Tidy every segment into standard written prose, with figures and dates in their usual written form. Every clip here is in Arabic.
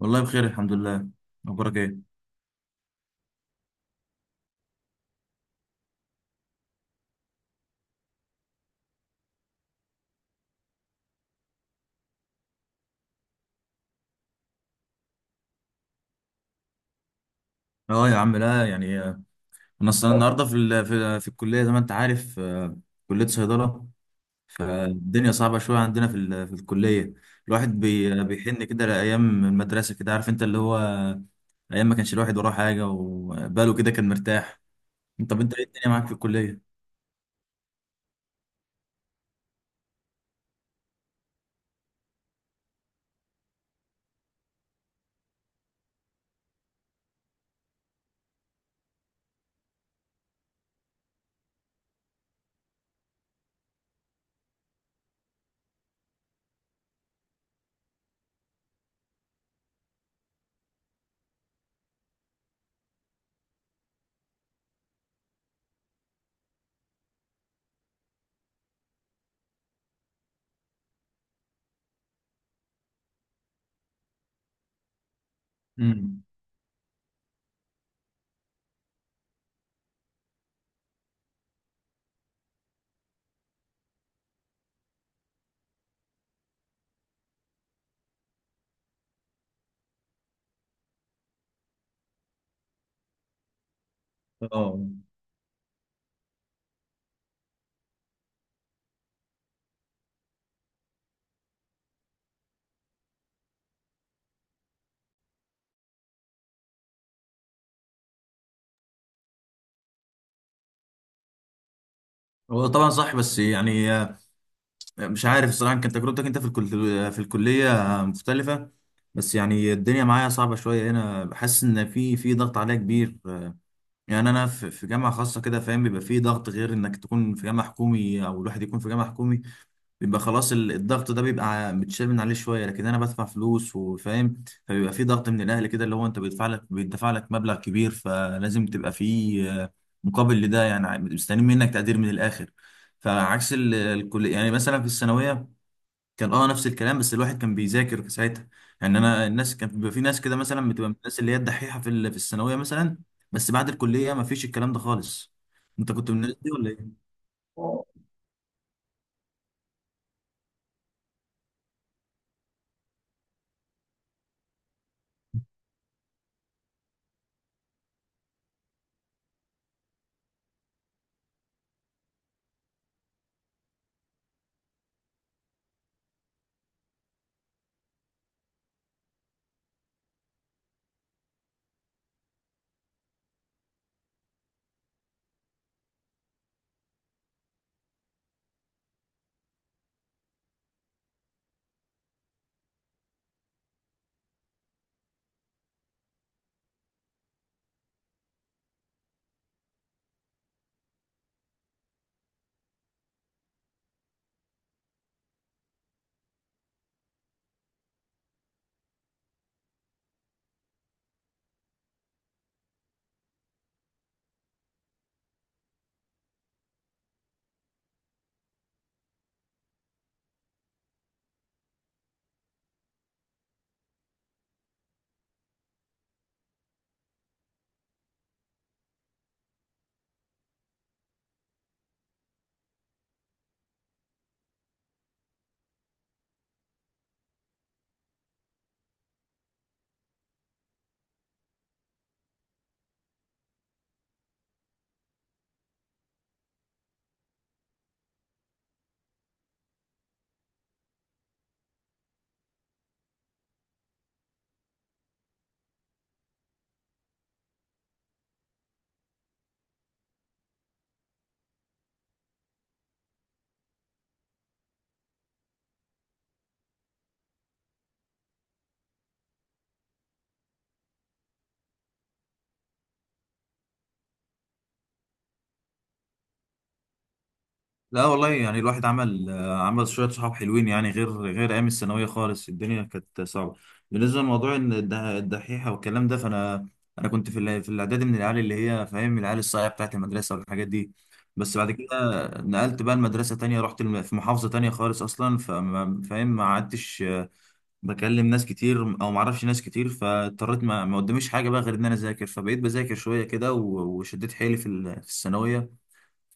والله بخير الحمد لله. اخبارك ايه؟ اه يا عم، لا يعني انا اصلا النهارده في الكليه زي ما انت عارف. كليه صيدله. فالدنيا صعبه شويه عندنا في الكليه. الواحد بيحن كده لايام المدرسه، كده عارف انت اللي هو ايام ما كانش الواحد وراه حاجه وباله كده كان مرتاح. طب انت ايه الدنيا معاك في الكليه؟ امم اه. هو طبعا صح، بس يعني مش عارف الصراحة، كانت تجربتك انت في الكلية مختلفة. بس يعني الدنيا معايا صعبة شوية هنا، بحس ان في ضغط عليا كبير. يعني انا في جامعة خاصة كده فاهم، بيبقى في ضغط غير انك تكون في جامعة حكومي او الواحد يكون في جامعة حكومي. بيبقى خلاص الضغط ده بيبقى متشال من عليه شوية، لكن انا بدفع فلوس وفاهم. فبيبقى في ضغط من الاهل كده، اللي هو انت بيدفع لك مبلغ كبير، فلازم تبقى في مقابل لده يعني، مستنيين منك تقدير من الاخر. فعكس الكل يعني، مثلا في الثانوية كان اه نفس الكلام، بس الواحد كان بيذاكر في ساعتها. يعني انا الناس كان بيبقى في ناس كده مثلا بتبقى من الناس اللي هي الدحيحه في الثانويه مثلا. بس بعد الكليه ما فيش الكلام ده خالص. انت كنت من الناس دي ولا ايه؟ لا والله، يعني الواحد عمل عمل شوية صحاب حلوين يعني، غير أيام الثانوية خالص الدنيا كانت صعبة. بالنسبة لموضوع إن الدحيحة والكلام ده، فأنا أنا كنت في الإعدادي من العيال اللي هي فاهم، العيال الصايعة بتاعت المدرسة والحاجات دي. بس بعد كده نقلت بقى لمدرسة تانية، رحت في محافظة تانية خالص أصلا، فما فاهم ما عدتش، بكلم ناس كتير أو ما أعرفش ناس كتير، فاضطريت ما قداميش حاجة بقى غير إن أنا أذاكر. فبقيت بذاكر شوية كده وشديت حيلي في الثانوية.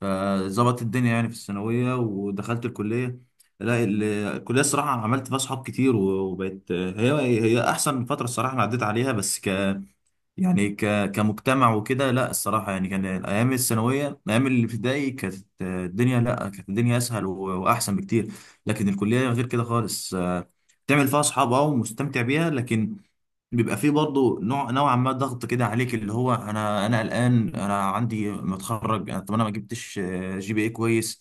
فظبطت الدنيا يعني في الثانوية، ودخلت الكلية. لا الكلية الصراحة عملت فيها صحاب كتير وبقت هي أحسن فترة الصراحة أنا عديت عليها. بس ك يعني ك كمجتمع وكده، لا الصراحة يعني كان الأيام الثانوية الأيام الابتدائي كانت الدنيا، لا كانت الدنيا أسهل وأحسن بكتير. لكن الكلية غير كده خالص. تعمل فيها أصحاب أه ومستمتع بيها، لكن بيبقى فيه برضه نوع نوعا ما ضغط كده عليك، اللي هو انا قلقان، انا عندي متخرج طب انا ما جبتش جي بي اي كويس.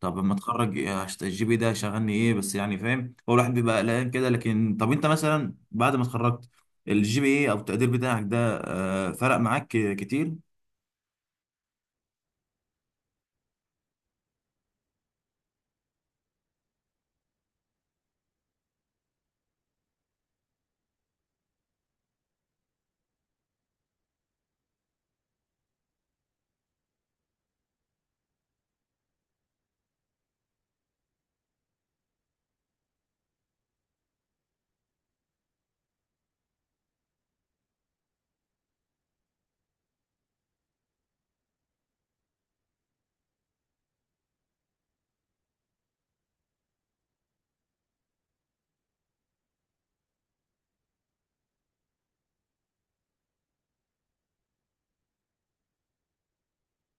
طب لما اتخرج، الجي بي إيه ده شغلني ايه بس يعني فاهم، هو الواحد بيبقى قلقان كده. لكن طب انت مثلا بعد ما اتخرجت الجي بي اي او التقدير بتاعك ده، فرق معاك كتير؟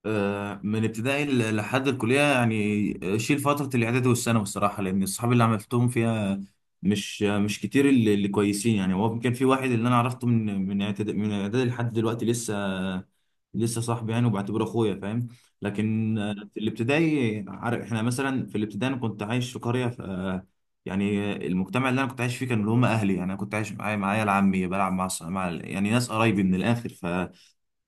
من ابتدائي لحد الكلية يعني شيل فترة الإعدادي والثانوي الصراحة، لأن الصحاب اللي عملتهم فيها مش كتير، اللي كويسين يعني. هو كان في واحد اللي أنا عرفته من إعدادي لحد دلوقتي لسه، لسه صاحبي يعني وبعتبره أخويا فاهم. لكن في الابتدائي، عارف إحنا مثلا في الابتدائي أنا كنت عايش في قرية ف يعني المجتمع اللي أنا كنت عايش فيه كانوا اللي هم أهلي. يعني أنا كنت عايش معايا العمي، بلعب مع الص- مع ال- يعني ناس قرايبي من الآخر ف.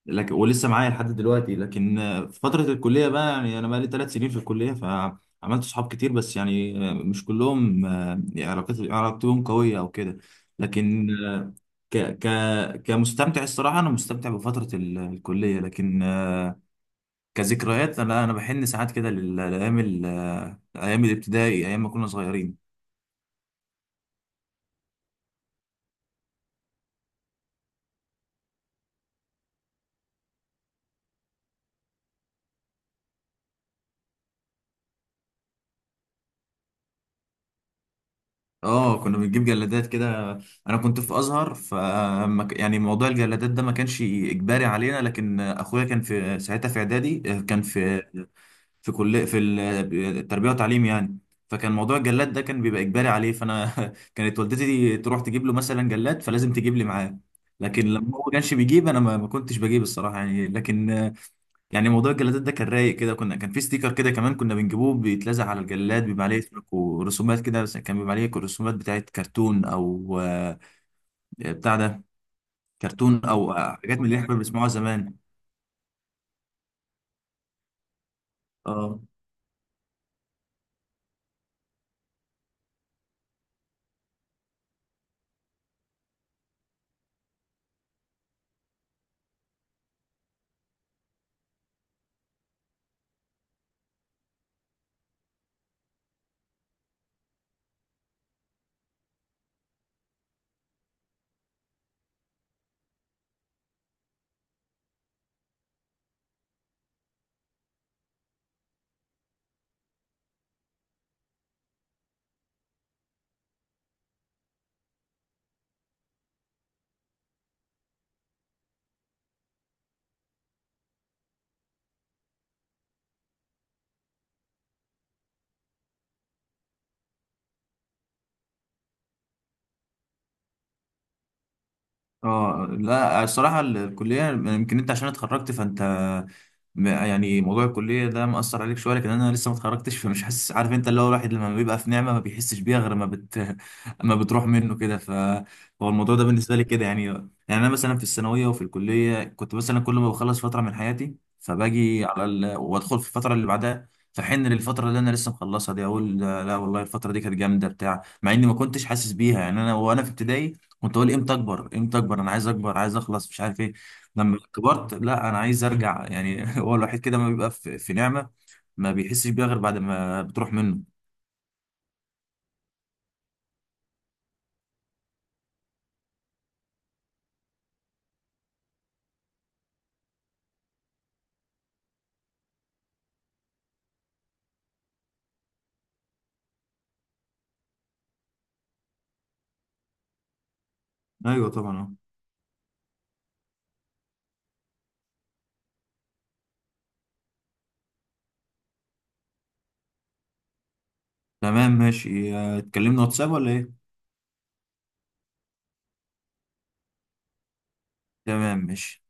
لكن ولسه معايا لحد دلوقتي. لكن في فترة الكلية بقى يعني، أنا بقالي 3 سنين في الكلية فعملت صحاب كتير. بس يعني مش كلهم يعني علاقتهم قوية أو كده. لكن آه، ك ك كمستمتع الصراحة أنا مستمتع بفترة الكلية. لكن كذكريات أنا بحن ساعات كده لل- لأيام ال- آه، أيام الابتدائي، أيام ما كنا صغيرين. اه كنا بنجيب جلادات كده. انا كنت في ازهر ف يعني موضوع الجلادات ده ما كانش اجباري علينا. لكن اخويا كان في ساعتها في اعدادي، كان في التربيه والتعليم يعني. فكان موضوع الجلاد ده كان بيبقى اجباري عليه. فانا كانت والدتي تروح تجيب له مثلا جلاد فلازم تجيب لي معاه. لكن لما هو ما كانش بيجيب، انا ما كنتش بجيب الصراحه يعني. لكن يعني موضوع الجلادات ده كان رايق كده، كنا كان في ستيكر كده كمان كنا بنجيبوه بيتلزق على الجلاد، بيبقى عليه اسمك ورسومات كده. بس كان بيبقى عليه رسومات بتاعت كرتون او بتاع ده، كرتون او حاجات من اللي احنا كنا بنسمعوها زمان. اه اه. لا الصراحة الكلية يمكن انت عشان اتخرجت فانت، يعني موضوع الكلية ده مأثر عليك شوية. لكن انا لسه ما اتخرجتش فمش حاسس، عارف انت اللي هو الواحد لما بيبقى في نعمة ما بيحسش بيها غير ما بت ما بتروح منه كده فهو الموضوع ده بالنسبة لي كده يعني، انا مثلا في الثانوية وفي الكلية كنت مثلا كل ما بخلص فترة من حياتي فباجي على وادخل في الفترة اللي بعدها، فحن للفترة اللي انا لسه مخلصها دي، اقول لا لا والله الفترة دي كانت جامدة بتاع، مع اني ما كنتش حاسس بيها يعني. انا وانا في ابتدائي كنت اقول امتى اكبر امتى اكبر، انا عايز اكبر عايز اخلص مش عارف ايه. لما كبرت، لا انا عايز ارجع يعني هو الوحيد كده ما بيبقى في نعمة ما بيحسش بيها غير بعد ما بتروح منه. ايوه طبعا اه. تمام ماشي، اتكلمنا واتساب ولا ايه؟ تمام ماشي.